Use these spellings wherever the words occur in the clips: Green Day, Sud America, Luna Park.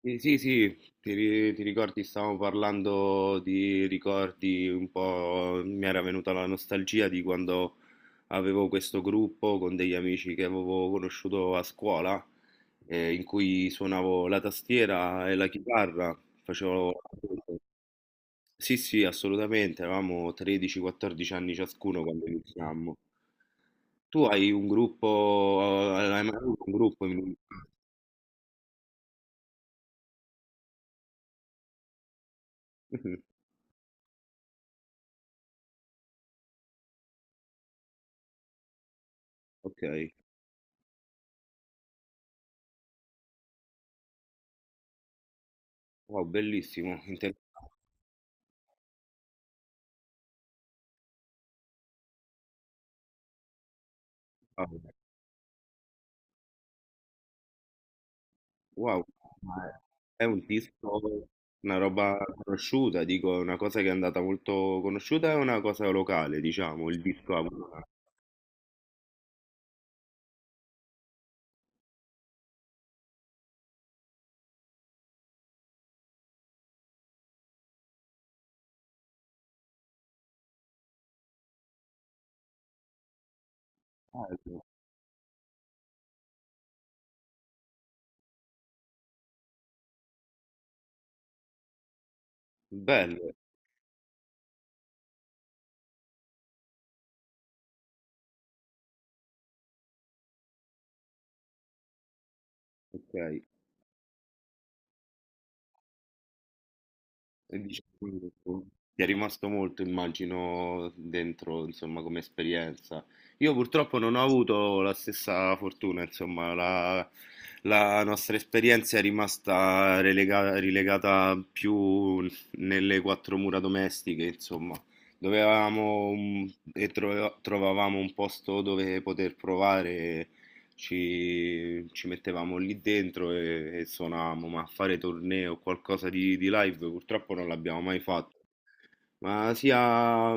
Sì, sì, sì, ti ricordi, stavamo parlando di ricordi un po', mi era venuta la nostalgia di quando avevo questo gruppo con degli amici che avevo conosciuto a scuola, in cui suonavo la tastiera e la chitarra, facevo... Sì, sì, assolutamente, avevamo 13-14 anni ciascuno quando iniziammo. Tu hai un gruppo, hai mai avuto un gruppo in... Ok. Wow, bellissimo, interessante. Wow, ma è un disco, una roba conosciuta, dico, una cosa che è andata molto conosciuta, è una cosa locale, diciamo, il disco. A- Ah, ecco. Bello, ok. E diciamo, ti è rimasto molto, immagino, dentro, insomma, come esperienza. Io purtroppo non ho avuto la stessa fortuna, insomma, la nostra esperienza è rimasta relega- rilegata più nelle quattro mura domestiche, insomma. Dovevamo un- e trove- trovavamo un posto dove poter provare ci mettevamo lì dentro e suonavamo, ma fare torneo o qualcosa di live purtroppo non l'abbiamo mai fatto. Ma sia,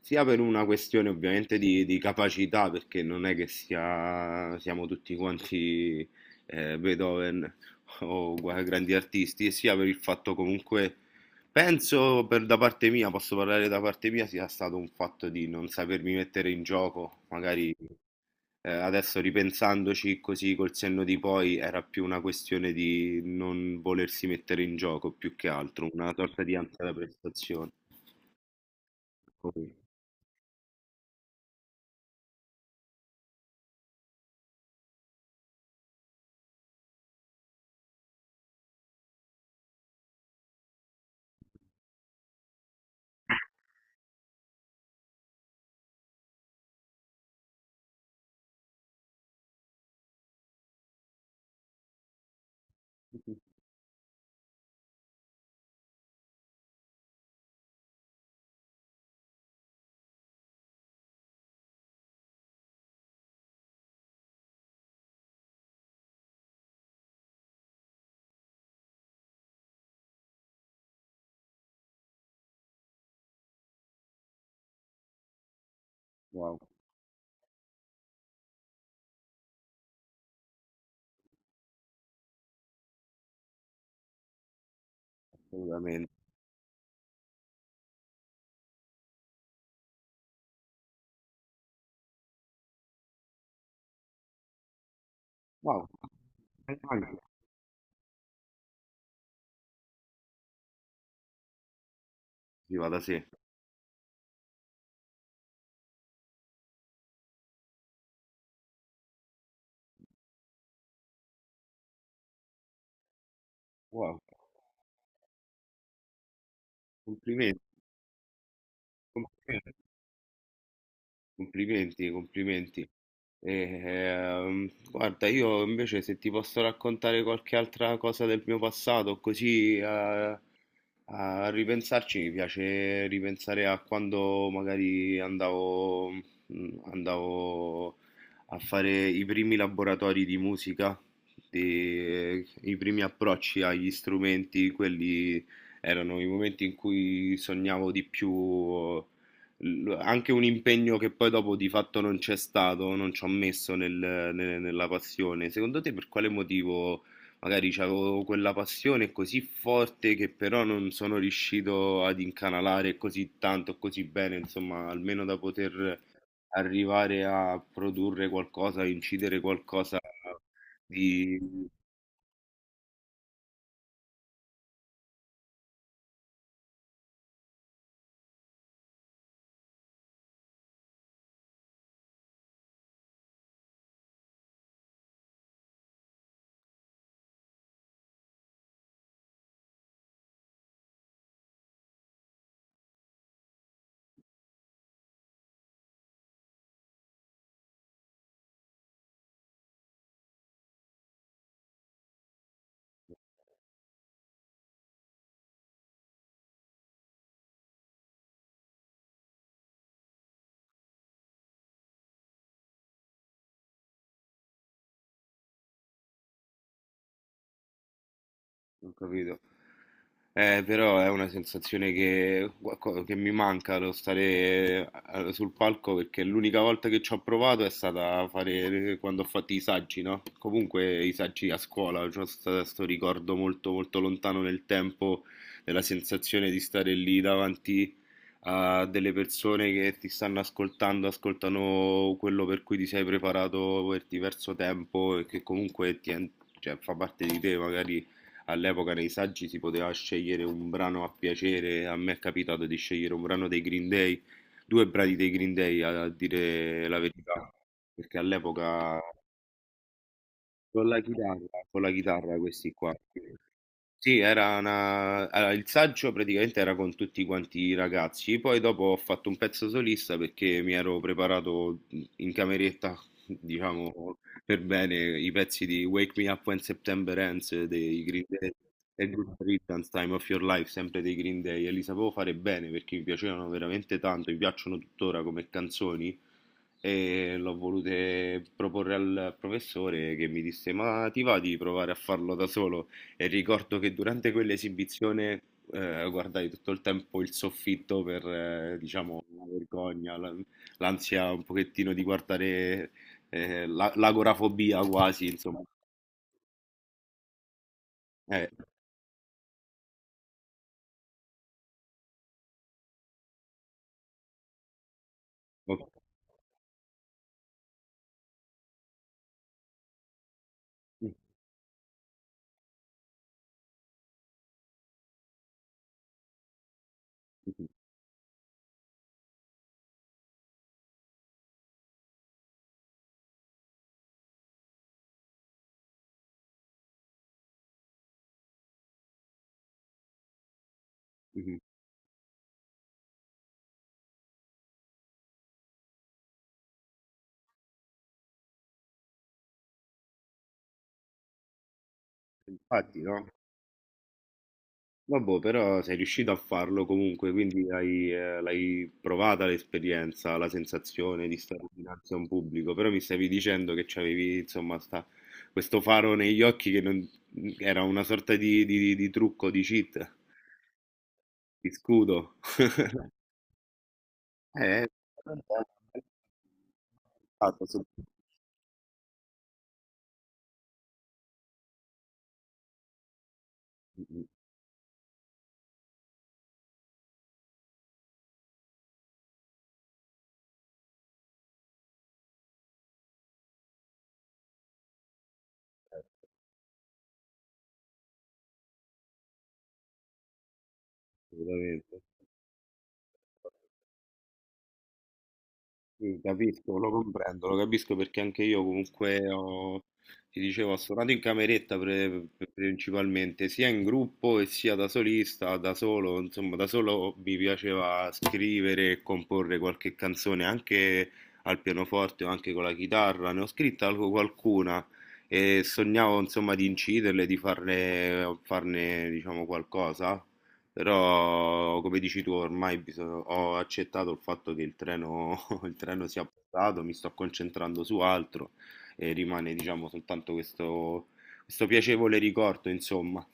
sia per una questione ovviamente di capacità, perché non è che sia- siamo tutti quanti Beethoven o gua- grandi artisti, e sia per il fatto comunque, penso per da parte mia, posso parlare da parte mia, sia stato un fatto di non sapermi mettere in gioco, magari adesso ripensandoci così col senno di poi, era più una questione di non volersi mettere in gioco più che altro, una sorta di ansia da prestazione. Così. Wow, assolutamente. Wow, anche, sì, va da sé. Wow, complimenti, complimenti. Complimenti, complimenti. E, guarda, io invece se ti posso raccontare qualche altra cosa del mio passato, così a, a ripensarci, mi piace ripensare a quando magari andavo, andavo a fare i primi laboratori di musica, di- i primi approcci agli strumenti, quelli erano i momenti in cui sognavo di più l- anche un impegno che poi dopo di fatto non c'è stato, non ci ho messo nel- nel- nella passione. Secondo te per quale motivo magari avevo quella passione così forte che però non sono riuscito ad incanalare così tanto, così bene, insomma, almeno da poter arrivare a produrre qualcosa, a incidere qualcosa di Ho capito. Però è una sensazione che, qualco- che mi manca lo stare sul palco perché l'unica volta che ci ho provato è stata a fare quando ho fatto i saggi, no? Comunque i saggi a scuola, c'ho questo ricordo molto molto lontano nel tempo della sensazione di stare lì davanti a delle persone che ti stanno ascoltando, ascoltano quello per cui ti sei preparato per diverso tempo e che comunque ti, en- cioè, fa parte di te, magari all'epoca nei saggi si poteva scegliere un brano a piacere, a me è capitato di scegliere un brano dei Green Day, due brani dei Green Day a dire la verità, perché all'epoca con la chitarra, con la chitarra questi qua. Sì. Sì, era una allora, il saggio praticamente era con tutti quanti i ragazzi, poi dopo ho fatto un pezzo solista perché mi ero preparato in cameretta, diciamo, per bene i pezzi di Wake Me Up When September Ends dei Green Day e Good Riddance Time of Your Life, sempre dei Green Day, e li sapevo fare bene perché mi piacevano veramente tanto, mi piacciono tuttora come canzoni e l'ho volute proporre al professore che mi disse ma ti va di provare a farlo da solo? E ricordo che durante quell'esibizione guardai tutto il tempo il soffitto per, diciamo, la vergogna, la- l'ansia un pochettino di guardare la- l'agorafobia quasi, insomma. Eh, ok. Mm, mm, mm, mm. Infatti, no? Vabbè, però sei riuscito a farlo comunque, quindi hai, l'hai provata l'esperienza, la sensazione di stare dinanzi a un pubblico, però mi stavi dicendo che c'avevi, insomma, sta- questo faro negli occhi che non- era una sorta di trucco, di cheat, di scudo. Eh, fatto, assolutamente. Sì, capisco, lo comprendo, lo capisco perché anche io comunque ho, ti dicevo, ho suonato in cameretta pre- pre- principalmente, sia in gruppo e sia da solista, da solo, insomma, da solo mi piaceva scrivere e comporre qualche canzone anche al pianoforte o anche con la chitarra, ne ho scritta alco- qualcuna e sognavo, insomma, di inciderle, di farne, farne, diciamo, qualcosa. Però, come dici tu, ormai bisogna- ho accettato il fatto che il treno, il treno sia passato, mi sto concentrando su altro e rimane, diciamo, soltanto questo, questo piacevole ricordo, insomma.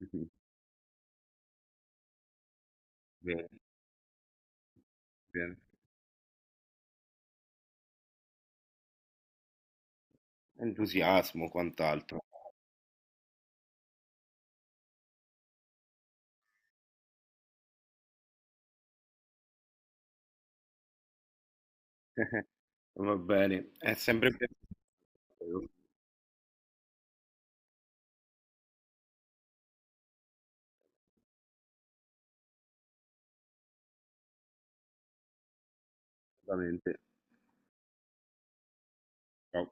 Bene, bene. Entusiasmo, quant'altro. Va bene, è sempre bello. Assolutamente. Ciao.